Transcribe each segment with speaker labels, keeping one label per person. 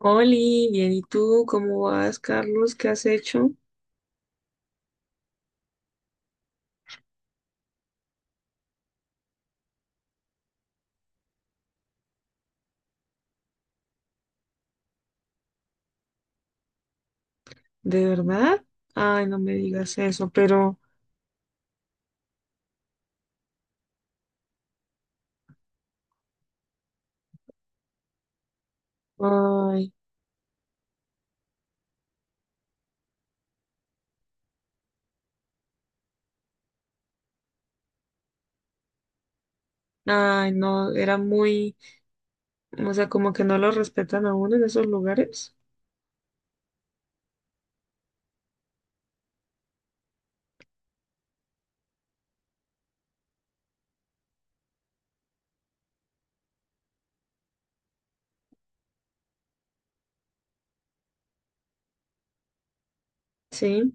Speaker 1: Oli, bien, ¿y tú cómo vas, Carlos? ¿Qué has hecho? ¿De verdad? Ay, no me digas eso, pero, ay, ay, no, era muy, o sea, como que no lo respetan a uno en esos lugares. Sí,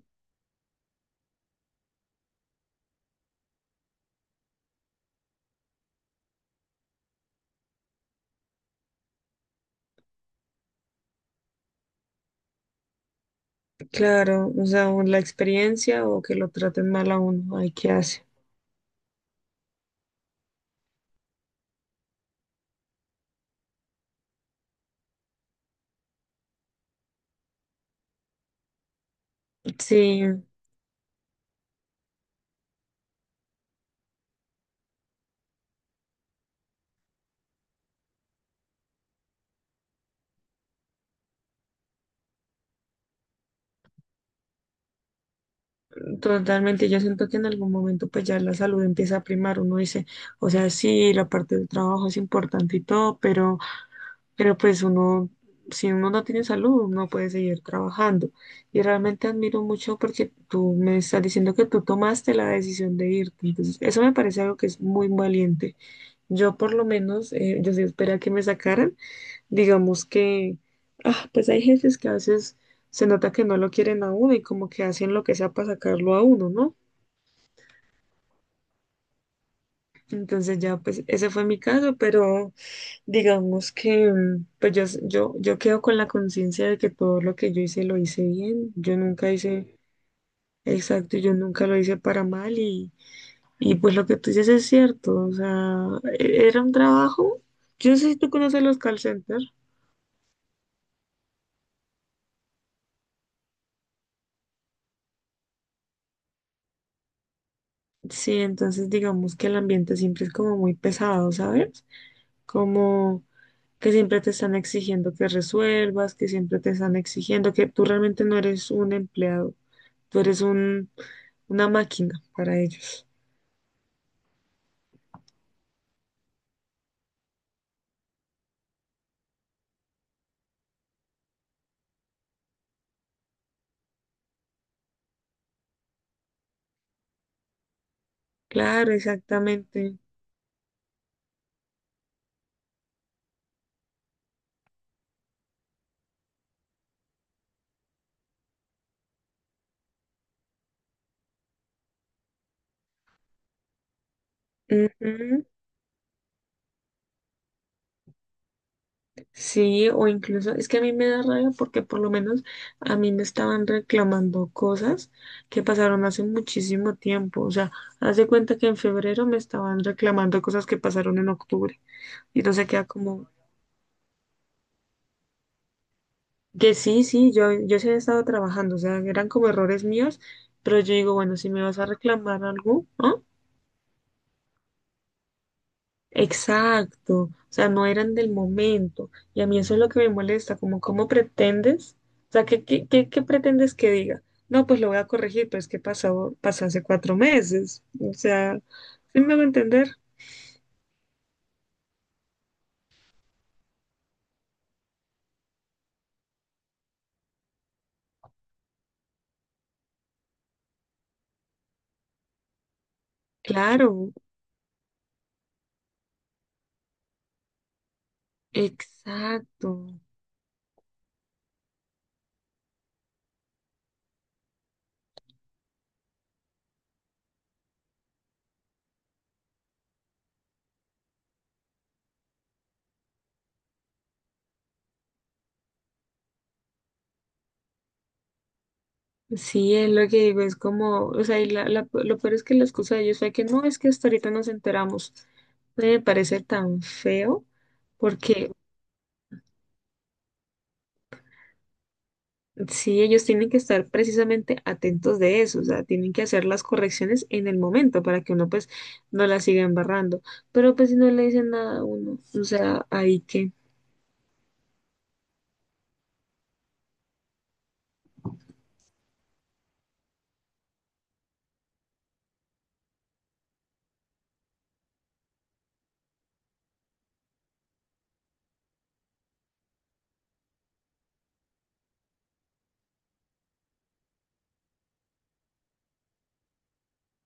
Speaker 1: claro, o sea, o la experiencia o que lo traten mal a uno, ay, ¿qué hace? Sí, totalmente, yo siento que en algún momento pues ya la salud empieza a primar, uno dice, o sea, sí, la parte del trabajo es importante y todo, pero... Pero pues uno, si uno no tiene salud, no puede seguir trabajando. Y realmente admiro mucho porque tú me estás diciendo que tú tomaste la decisión de irte. Entonces, eso me parece algo que es muy valiente. Yo por lo menos, yo sí esperé que me sacaran. Digamos que, pues hay jefes que a veces se nota que no lo quieren a uno y como que hacen lo que sea para sacarlo a uno, ¿no? Entonces ya, pues ese fue mi caso, pero... Digamos que, pues yo quedo con la conciencia de que todo lo que yo hice lo hice bien. Yo nunca hice exacto, yo nunca lo hice para mal y pues lo que tú dices es cierto. O sea, era un trabajo. Yo no sé si tú conoces los call centers. Sí, entonces digamos que el ambiente siempre es como muy pesado, ¿sabes? Como que siempre te están exigiendo que resuelvas, que siempre te están exigiendo que tú realmente no eres un empleado, tú eres un, una máquina para ellos. Claro, exactamente. Ujú. Sí, o incluso es que a mí me da rabia porque por lo menos a mí me estaban reclamando cosas que pasaron hace muchísimo tiempo. O sea, haz de cuenta que en febrero me estaban reclamando cosas que pasaron en octubre. Y entonces queda como que sí, sí, yo sí había estado trabajando. O sea, eran como errores míos, pero yo digo, bueno, si me vas a reclamar algo, ¿ah? Exacto, o sea, no eran del momento. Y a mí eso es lo que me molesta, como cómo pretendes, o sea, ¿ qué pretendes que diga? No, pues lo voy a corregir, pero es que pasó, pasó hace cuatro meses. O sea, ¿sí me va a entender? Claro, exacto. Sí, es lo que digo, es como, o sea, y lo peor es que la excusa de ellos fue que no, es que hasta ahorita nos enteramos. Me parece tan feo, porque, sí, ellos tienen que estar precisamente atentos de eso, o sea, tienen que hacer las correcciones en el momento para que uno pues no la siga embarrando. Pero pues si no le dicen nada a uno, o sea, ahí que,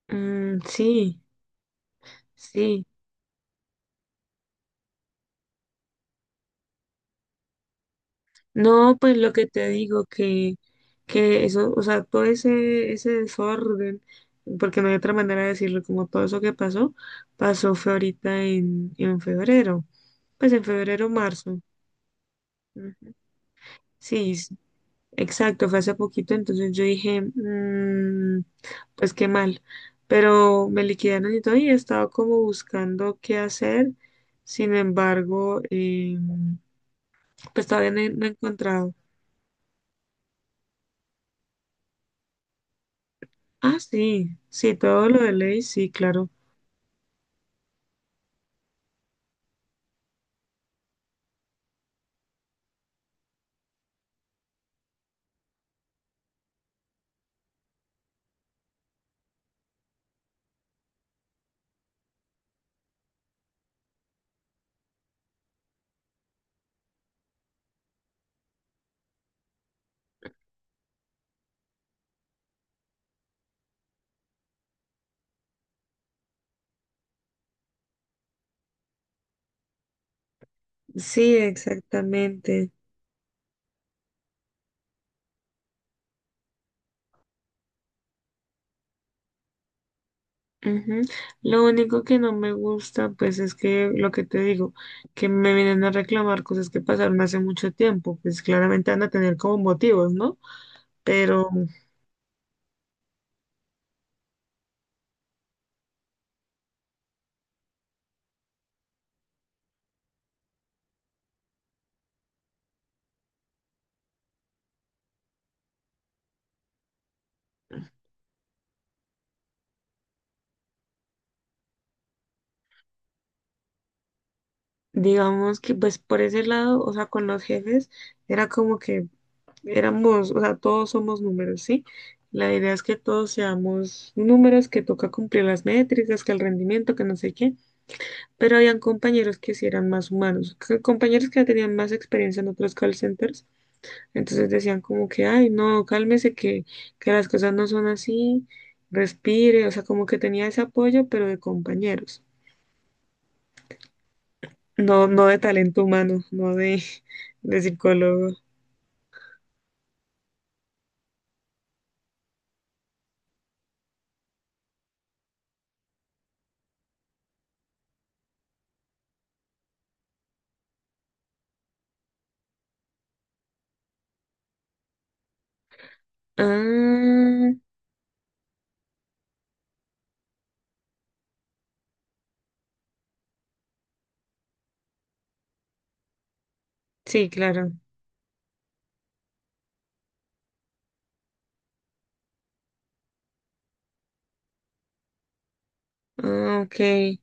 Speaker 1: mm, sí, sí. No, pues lo que te digo que eso, o sea, ese desorden, porque no hay otra manera de decirlo, como todo eso que pasó, pasó fue ahorita en febrero, pues en febrero, marzo. Ujú. Sí, exacto, fue hace poquito, entonces yo dije, "Mm, pues qué mal, pero me liquidaron y todo y he estado como buscando qué hacer, sin embargo, pues todavía no he encontrado. Ah, sí, sí, todo lo de ley, sí, claro. Sí, exactamente. Ujú. Lo único que no me gusta, pues es que lo que te digo, que me vienen a reclamar cosas que pasaron hace mucho tiempo, pues claramente van a tener como motivos, ¿no? Pero... Digamos que pues por ese lado, o sea, con los jefes era como que éramos, o sea, todos somos números, ¿sí? La idea es que todos seamos números, que toca cumplir las métricas, que el rendimiento, que no sé qué, pero habían compañeros que sí eran más humanos, compañeros que ya tenían más experiencia en otros call centers, entonces decían como que, ay, no, cálmese, que las cosas no son así, respire, o sea, como que tenía ese apoyo, pero de compañeros, no, no de talento humano, no de de psicólogo. Ah, sí, claro. Ah, ok.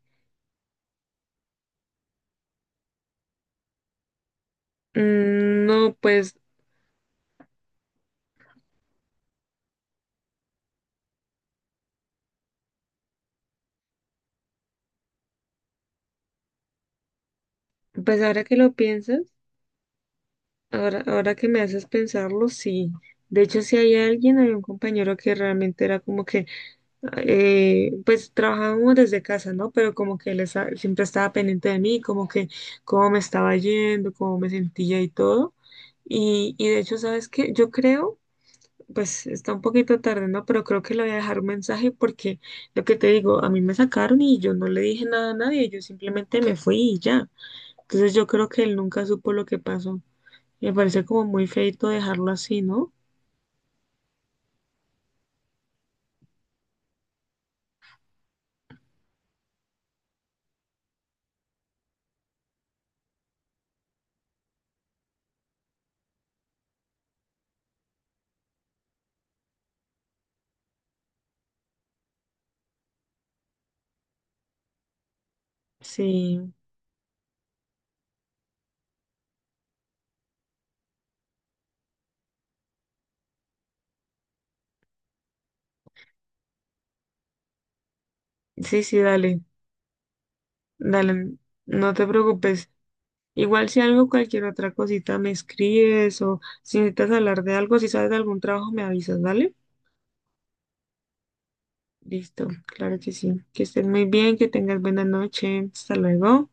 Speaker 1: Mm, no, pues, pues ahora que lo piensas, ahora que me haces pensarlo, sí. De hecho, si hay alguien, había un compañero que realmente era como que, pues trabajábamos desde casa, ¿no? Pero como que él siempre estaba pendiente de mí, como que cómo me estaba yendo, cómo me sentía y todo. Y de hecho, ¿sabes qué? Yo creo pues está un poquito tarde, ¿no? Pero creo que le voy a dejar un mensaje porque lo que te digo, a mí me sacaron y yo no le dije nada a nadie, yo simplemente me fui y ya. Entonces yo creo que él nunca supo lo que pasó. Me parece como muy feito dejarlo así, ¿no? Sí, sí, sí, dale, dale, no te preocupes. Igual si algo, cualquier otra cosita me escribes o si necesitas hablar de algo, si sabes de algún trabajo, me avisas, ¿dale? Listo, claro que sí. Que estés muy bien, que tengas buena noche. Hasta luego.